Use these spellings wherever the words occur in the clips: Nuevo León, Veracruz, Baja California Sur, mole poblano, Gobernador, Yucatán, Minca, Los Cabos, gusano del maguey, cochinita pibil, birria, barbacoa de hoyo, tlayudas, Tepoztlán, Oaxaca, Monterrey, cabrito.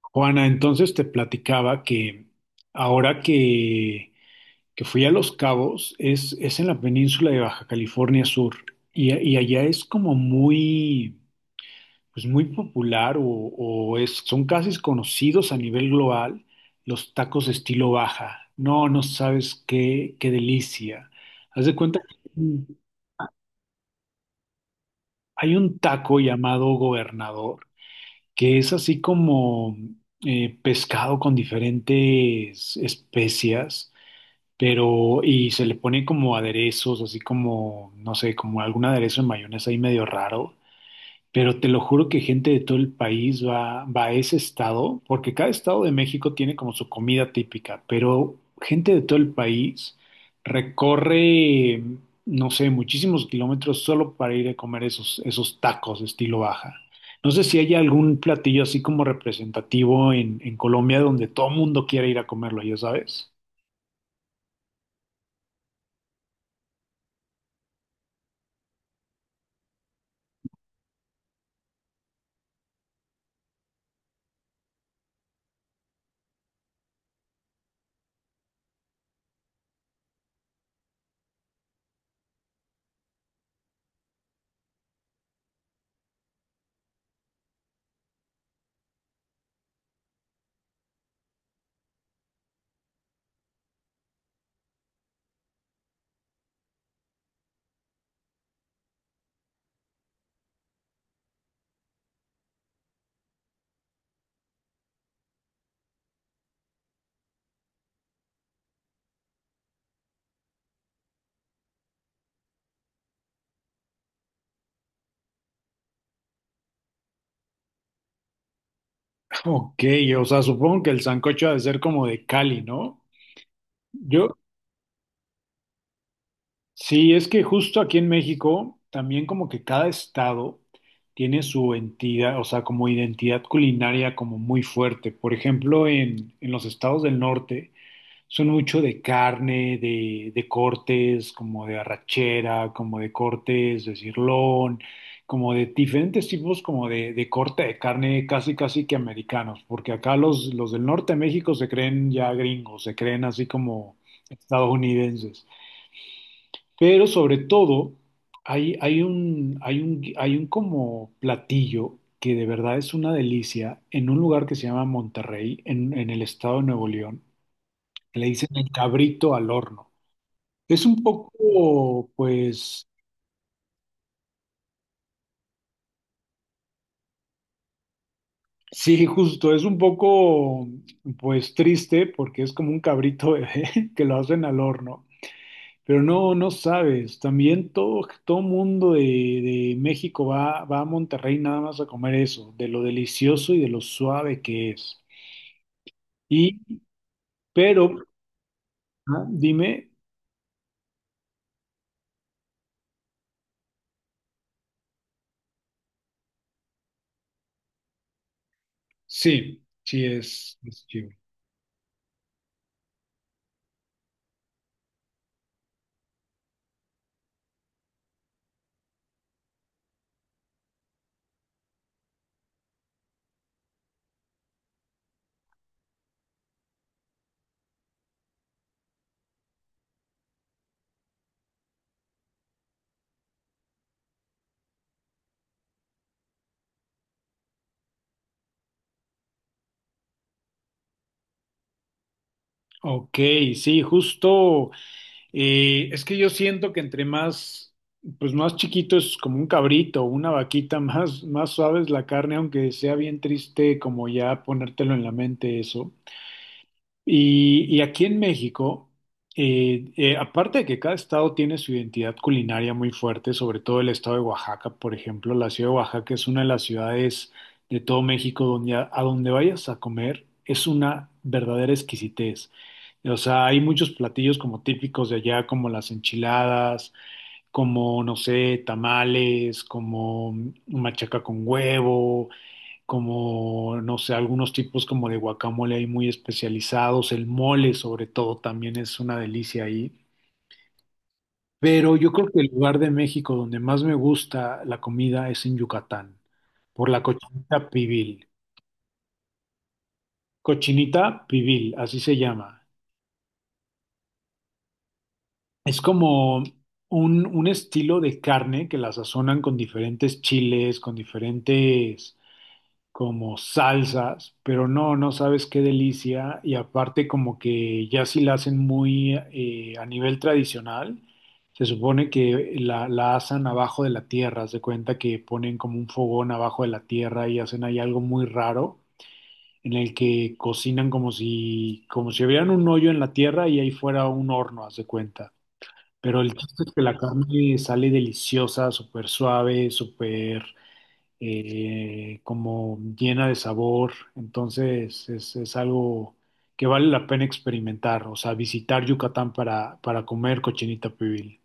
Juana, entonces te platicaba que ahora que fui a Los Cabos es en la península de Baja California Sur y, y allá es como pues muy popular o son casi conocidos a nivel global los tacos estilo Baja. No sabes qué delicia. Haz de cuenta que hay un taco llamado Gobernador que es así como pescado con diferentes especias, pero y se le pone como aderezos, así como, no sé, como algún aderezo de mayonesa ahí medio raro. Pero te lo juro que gente de todo el país va a ese estado, porque cada estado de México tiene como su comida típica, pero gente de todo el país recorre, no sé, muchísimos kilómetros solo para ir a comer esos tacos de estilo baja. No sé si hay algún platillo así como representativo en Colombia donde todo el mundo quiera ir a comerlo, ya sabes. Ok, o sea, supongo que el sancocho ha de ser como de Cali, ¿no? Yo, sí, es que justo aquí en México, también como que cada estado tiene su entidad, o sea, como identidad culinaria como muy fuerte. Por ejemplo, en los estados del norte son mucho de carne, de cortes, como de arrachera, como de cortes de cirlón, como de diferentes tipos como de corte de carne casi casi que americanos, porque acá los del norte de México se creen ya gringos, se creen así como estadounidenses. Pero sobre todo, hay un como platillo que de verdad es una delicia en un lugar que se llama Monterrey, en el estado de Nuevo León. Le dicen el cabrito al horno. Es un poco, pues, sí, justo, es un poco, pues, triste porque es como un cabrito bebé que lo hacen al horno. Pero no, no sabes, también todo mundo de México va a Monterrey nada más a comer eso, de lo delicioso y de lo suave que es. Y, pero, ah, dime, sí, es chivo. Ok, sí, justo, es que yo siento que entre más, pues más chiquito es como un cabrito, una vaquita, más suave es la carne, aunque sea bien triste como ya ponértelo en la mente eso. Y aquí en México, aparte de que cada estado tiene su identidad culinaria muy fuerte, sobre todo el estado de Oaxaca, por ejemplo, la ciudad de Oaxaca es una de las ciudades de todo México donde a donde vayas a comer es una verdadera exquisitez. O sea, hay muchos platillos como típicos de allá, como las enchiladas, como, no sé, tamales, como machaca con huevo como, no sé, algunos tipos como de guacamole ahí muy especializados, el mole sobre todo también es una delicia ahí. Pero yo creo que el lugar de México donde más me gusta la comida es en Yucatán, por la cochinita pibil. Cochinita pibil, así se llama. Es como un estilo de carne que la sazonan con diferentes chiles, con diferentes como salsas, pero no, no sabes qué delicia. Y aparte como que ya si la hacen muy a nivel tradicional, se supone que la asan abajo de la tierra. Se cuenta que ponen como un fogón abajo de la tierra y hacen ahí algo muy raro en el que cocinan como si hubieran un hoyo en la tierra y ahí fuera un horno, haz de cuenta. Pero el chiste es que la carne sale deliciosa, súper suave, súper como llena de sabor. Entonces es algo que vale la pena experimentar, o sea, visitar Yucatán para comer cochinita pibil.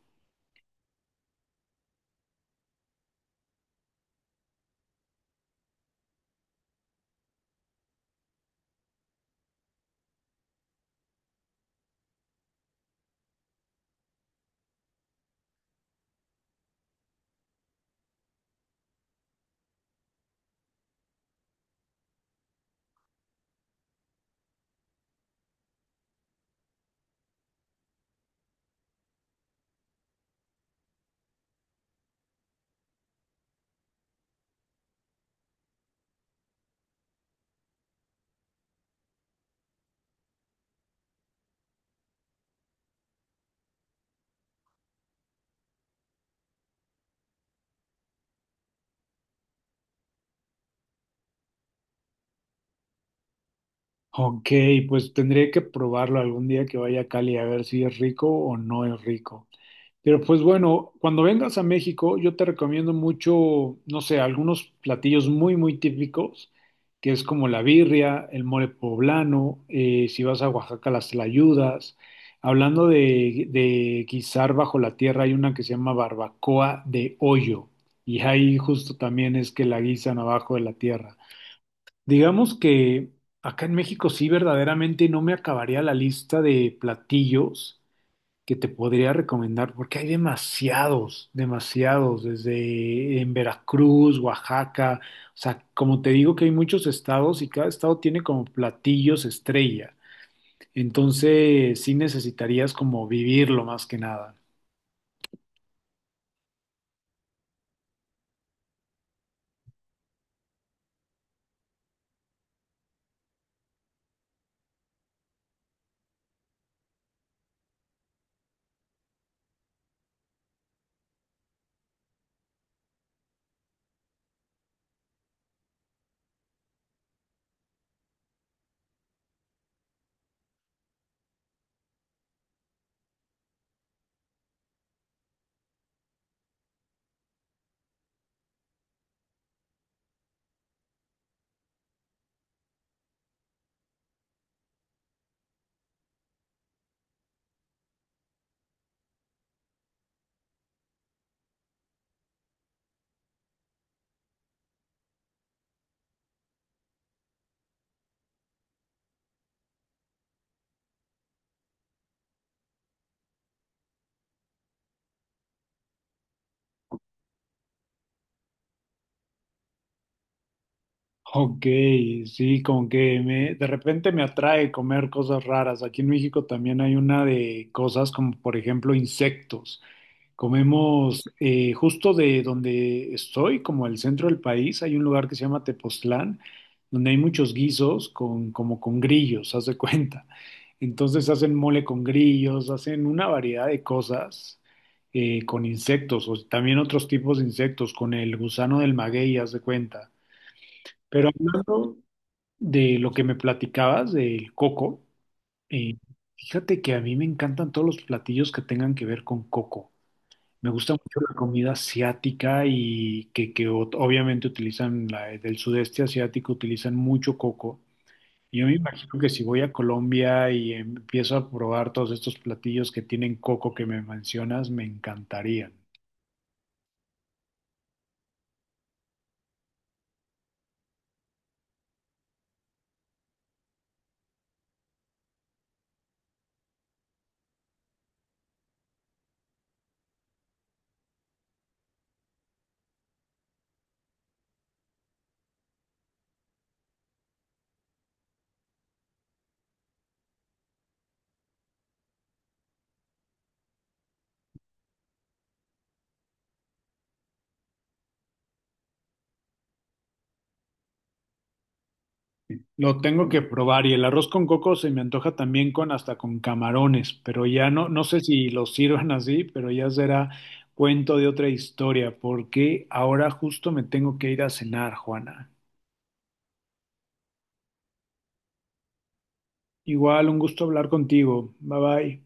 Ok, pues tendré que probarlo algún día que vaya a Cali a ver si es rico o no es rico. Pero pues bueno, cuando vengas a México, yo te recomiendo mucho, no sé, algunos platillos muy típicos, que es como la birria, el mole poblano, si vas a Oaxaca, las tlayudas. Hablando de guisar bajo la tierra, hay una que se llama barbacoa de hoyo, y ahí justo también es que la guisan abajo de la tierra. Digamos que acá en México sí verdaderamente no me acabaría la lista de platillos que te podría recomendar, porque hay demasiados, demasiados, desde en Veracruz, Oaxaca, o sea, como te digo que hay muchos estados y cada estado tiene como platillos estrella, entonces sí necesitarías como vivirlo más que nada. Ok, sí, como que me, de repente me atrae comer cosas raras. Aquí en México también hay una de cosas como, por ejemplo, insectos. Comemos justo de donde estoy, como el centro del país, hay un lugar que se llama Tepoztlán, donde hay muchos guisos con, como con grillos, haz de cuenta. Entonces hacen mole con grillos, hacen una variedad de cosas con insectos, o también otros tipos de insectos, con el gusano del maguey, haz de cuenta. Pero hablando de lo que me platicabas del coco, eh, fíjate que a mí me encantan todos los platillos que tengan que ver con coco. Me gusta mucho la comida asiática obviamente utilizan la del sudeste asiático, utilizan mucho coco. Yo me imagino que si voy a Colombia y empiezo a probar todos estos platillos que tienen coco que me mencionas, me encantarían. Lo tengo que probar y el arroz con coco se me antoja también con hasta con camarones, pero ya no, no sé si lo sirvan así, pero ya será cuento de otra historia, porque ahora justo me tengo que ir a cenar, Juana. Igual, un gusto hablar contigo. Bye bye.